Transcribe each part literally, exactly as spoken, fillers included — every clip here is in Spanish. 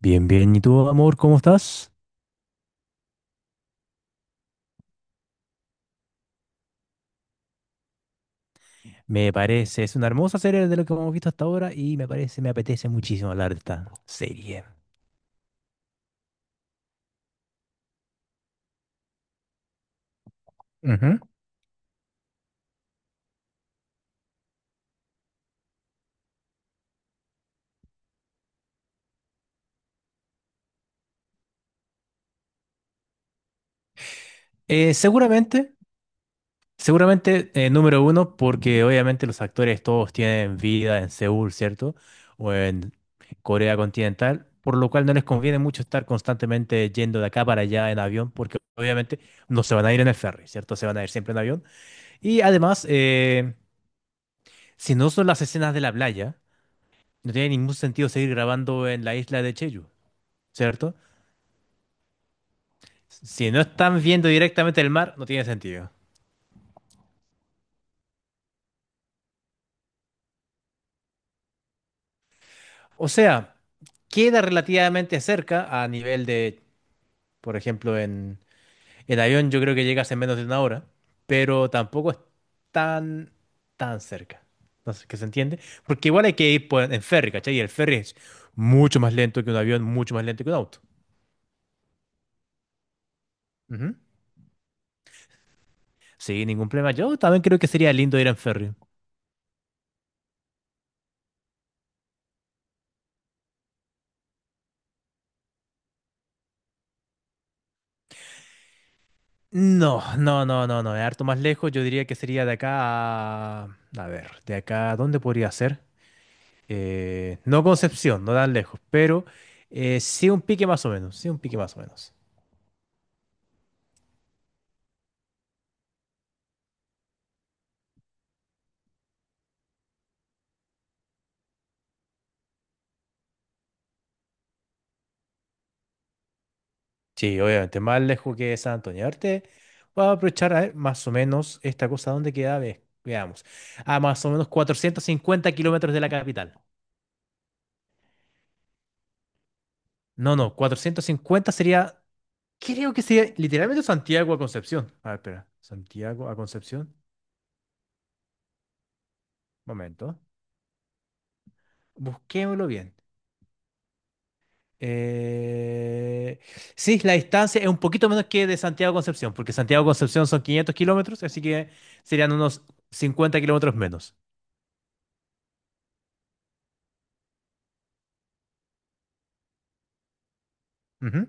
Bien, bien. ¿Y tú, amor, cómo estás? Me parece, es una hermosa serie de lo que hemos visto hasta ahora y me parece, me apetece muchísimo hablar de esta serie. Ujú. Eh, seguramente, seguramente eh, número uno, porque obviamente los actores todos tienen vida en Seúl, ¿cierto? O en Corea continental, por lo cual no les conviene mucho estar constantemente yendo de acá para allá en avión, porque obviamente no se van a ir en el ferry, ¿cierto? Se van a ir siempre en avión. Y además, eh, si no son las escenas de la playa, no tiene ningún sentido seguir grabando en la isla de Cheju, ¿cierto? Si no están viendo directamente el mar, no tiene sentido. O sea, queda relativamente cerca a nivel de, por ejemplo, en el avión yo creo que llegas en menos de una hora, pero tampoco es tan, tan cerca. No sé, ¿qué se entiende? Porque igual hay que ir por- en ferry, ¿cachai? Y el ferry es mucho más lento que un avión, mucho más lento que un auto. Ujú. Sí, ningún problema. Yo también creo que sería lindo ir en ferry. No, no, no, no, no, es harto más lejos. Yo diría que sería de acá a... A ver, de acá, ¿dónde podría ser? Eh, no Concepción, no tan lejos, pero eh, sí un pique más o menos, sí un pique más o menos. Sí, obviamente, más lejos que San Antonio. Ahorita voy a aprovechar a ver más o menos esta cosa, ¿dónde queda? Ve- veamos. A más o menos cuatrocientos cincuenta kilómetros de la capital. No, no, cuatrocientos cincuenta sería, creo que sería literalmente Santiago a Concepción. A ver, espera, Santiago a Concepción. Momento. Busquémoslo bien. Eh, sí, la distancia es un poquito menos que de Santiago a Concepción, porque Santiago a Concepción son quinientos kilómetros, así que serían unos cincuenta kilómetros menos. Ujú.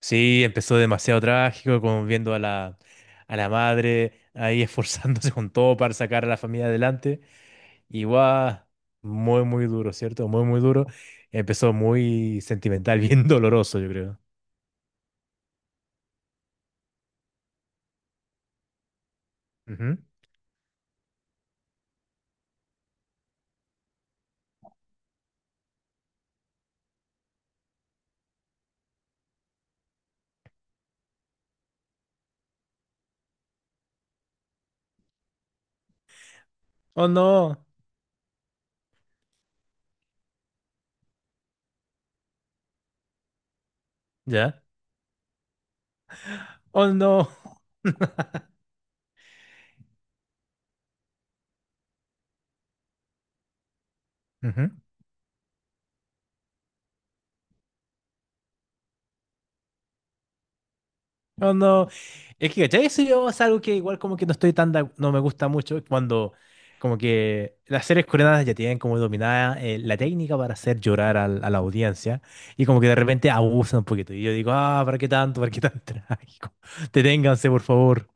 Sí, empezó demasiado trágico, como viendo a la, a la madre ahí esforzándose con todo para sacar a la familia adelante. Y guau, muy, muy duro, ¿cierto? Muy, muy duro. Empezó muy sentimental, bien doloroso, yo creo. Ujú. Oh no, ¿ya? Oh no. Ujú. No, no. Es que, ¿cachai? Eso yo es algo que igual como que no estoy tan, de- no me gusta mucho cuando como que las series coreanas ya tienen como dominada eh, la técnica para hacer llorar al- a la audiencia y como que de repente abusan un poquito. Y yo digo, ah, ¿para qué tanto? ¿Para qué tan trágico? Deténganse, por favor.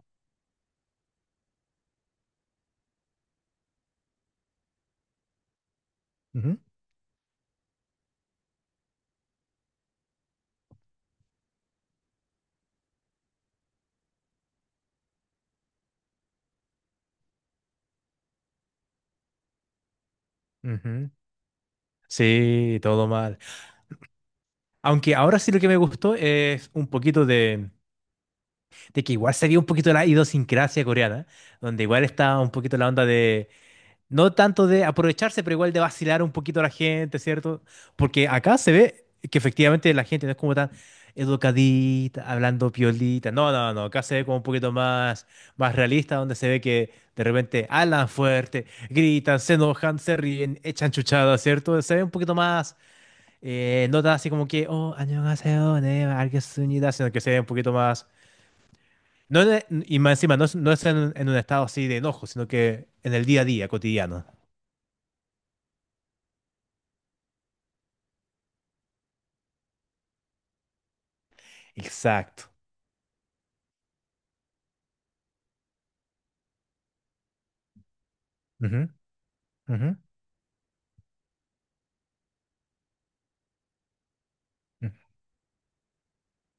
Ujú, ujú. Sí, todo mal. Aunque ahora sí lo que me gustó es un poquito de, de que igual se vio un poquito la idiosincrasia coreana, donde igual está un poquito la onda de... No tanto de aprovecharse, pero igual de vacilar un poquito a la gente, ¿cierto? Porque acá se ve que efectivamente la gente no es como tan educadita, hablando piolita. No, no, no. Acá se ve como un poquito más, más realista, donde se ve que de repente hablan fuerte, gritan, se enojan, se ríen, echan chuchadas, ¿cierto? Se ve un poquito más, eh, no tan así como que, oh, 안녕하세요, 네, 알겠습니다", sino que se ve un poquito más. No, en- e, y más encima, no es, no es en, en un estado así de enojo, sino que en el día a día, cotidiano. Exacto. Ujú, ujú, ujú,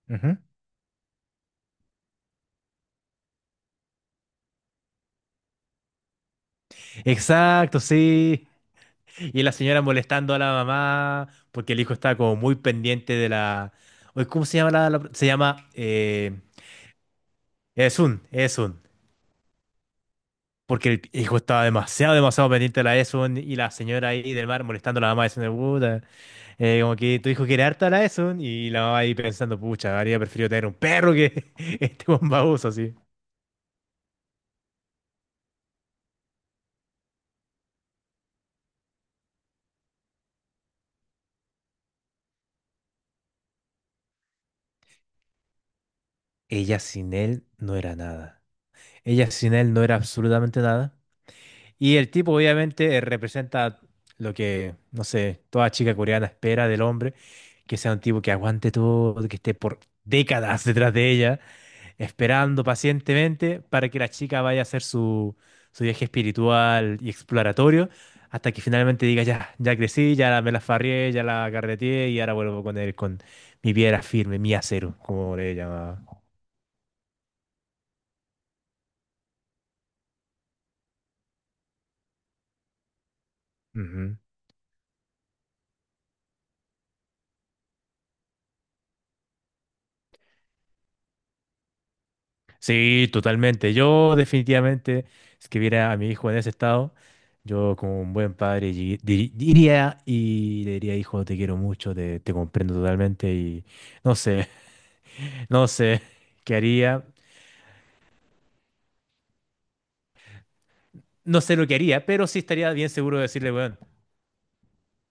ujú. Exacto, sí. Y la señora molestando a la mamá porque el hijo estaba como muy pendiente de la... Oye, ¿cómo se llama la... la- se llama... Eh... Esun, Esun. Porque el hijo estaba demasiado, demasiado pendiente de la Esun y la señora ahí del mar molestando a la mamá diciendo, puta, eh, como que tu hijo quiere harta a la Esun y la mamá ahí pensando, pucha, habría preferido tener un perro que este bombabuzo así. Ella sin él no era nada. Ella sin él no era absolutamente nada. Y el tipo obviamente eh, representa lo que, no sé, toda chica coreana espera del hombre, que sea un tipo que aguante todo, que esté por décadas detrás de ella, esperando pacientemente para que la chica vaya a hacer su, su viaje espiritual y exploratorio, hasta que finalmente diga, ya, ya crecí, ya la- me la farrié, ya la carreteé y ahora vuelvo con él, con mi piedra firme, mi acero, como le llamaba. Sí, totalmente. Yo definitivamente, si que viera a mi hijo en ese estado, yo como un buen padre llegui- di- diría y le diría, hijo, te quiero mucho, te, te comprendo totalmente y no sé, no sé qué haría, no sé lo que haría, pero sí estaría bien seguro de decirle, bueno,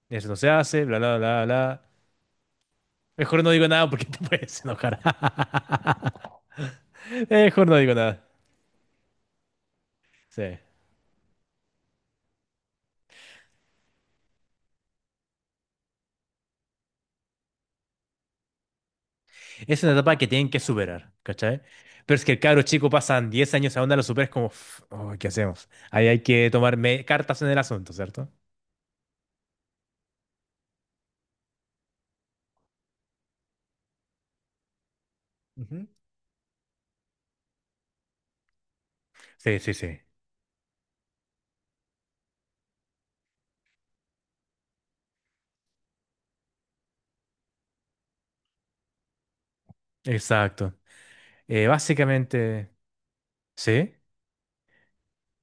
eso no se hace, bla, bla, bla, bla. Mejor no digo nada porque te puedes enojar. Mejor no digo nada. Sí. Es una etapa que tienen que superar, ¿cachai? Pero es que el cabro chico pasan diez años a onda, lo superas como, "Uf, oh, ¿qué hacemos? Ahí hay que tomar me- cartas en el asunto, ¿cierto? Ujú. Sí, sí, sí. Exacto. Eh, básicamente, sí,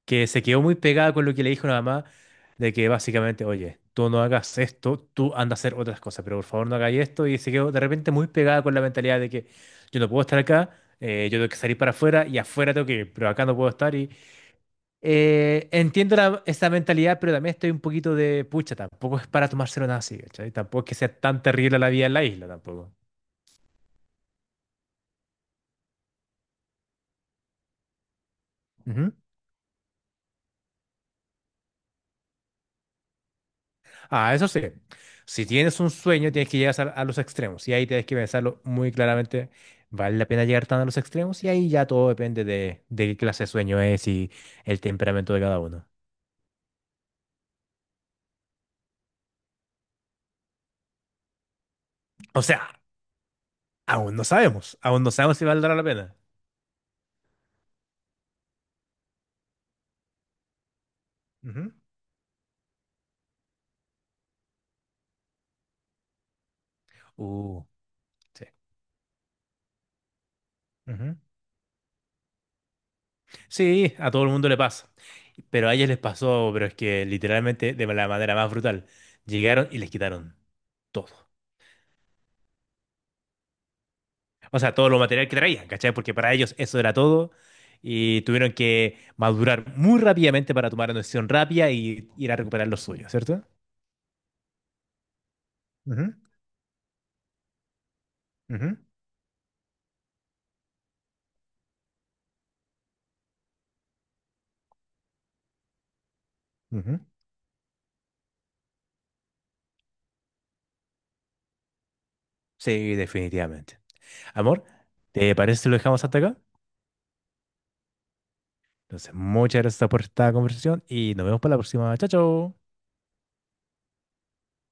que se quedó muy pegada con lo que le dijo la mamá, de que básicamente, oye, tú no hagas esto, tú anda a hacer otras cosas, pero por favor no hagáis esto. Y se quedó de repente muy pegada con la mentalidad de que yo no puedo estar acá, eh, yo tengo que salir para afuera y afuera tengo que ir, pero acá no puedo estar. eh, entiendo la- esa mentalidad, pero también estoy un poquito de pucha, tampoco es para tomárselo nada así, ¿cachai? Tampoco es que sea tan terrible la vida en la isla, tampoco. Ujú. Ah, eso sí, si tienes un sueño, tienes que llegar a, a los extremos y ahí tienes que pensarlo muy claramente. ¿Vale la pena llegar tan a los extremos? Y ahí ya todo depende de, de qué clase de sueño es y el temperamento de cada uno. O sea, aún no sabemos, aún no sabemos si valdrá la pena. Ujú. Uh, sí. Sí, a todo el mundo le pasa. Pero a ellos les pasó, pero es que literalmente de la manera más brutal. Llegaron y les quitaron todo. O sea, todo lo material que traían, ¿cachai? Porque para ellos eso era todo. Y tuvieron que madurar muy rápidamente para tomar una decisión rápida y ir a recuperar lo suyo, ¿cierto? Ujú, ujú, ujú. Sí, definitivamente. Amor, ¿te parece si lo dejamos hasta acá? Entonces, muchas gracias por esta conversación y nos vemos para la próxima. Chao, chao.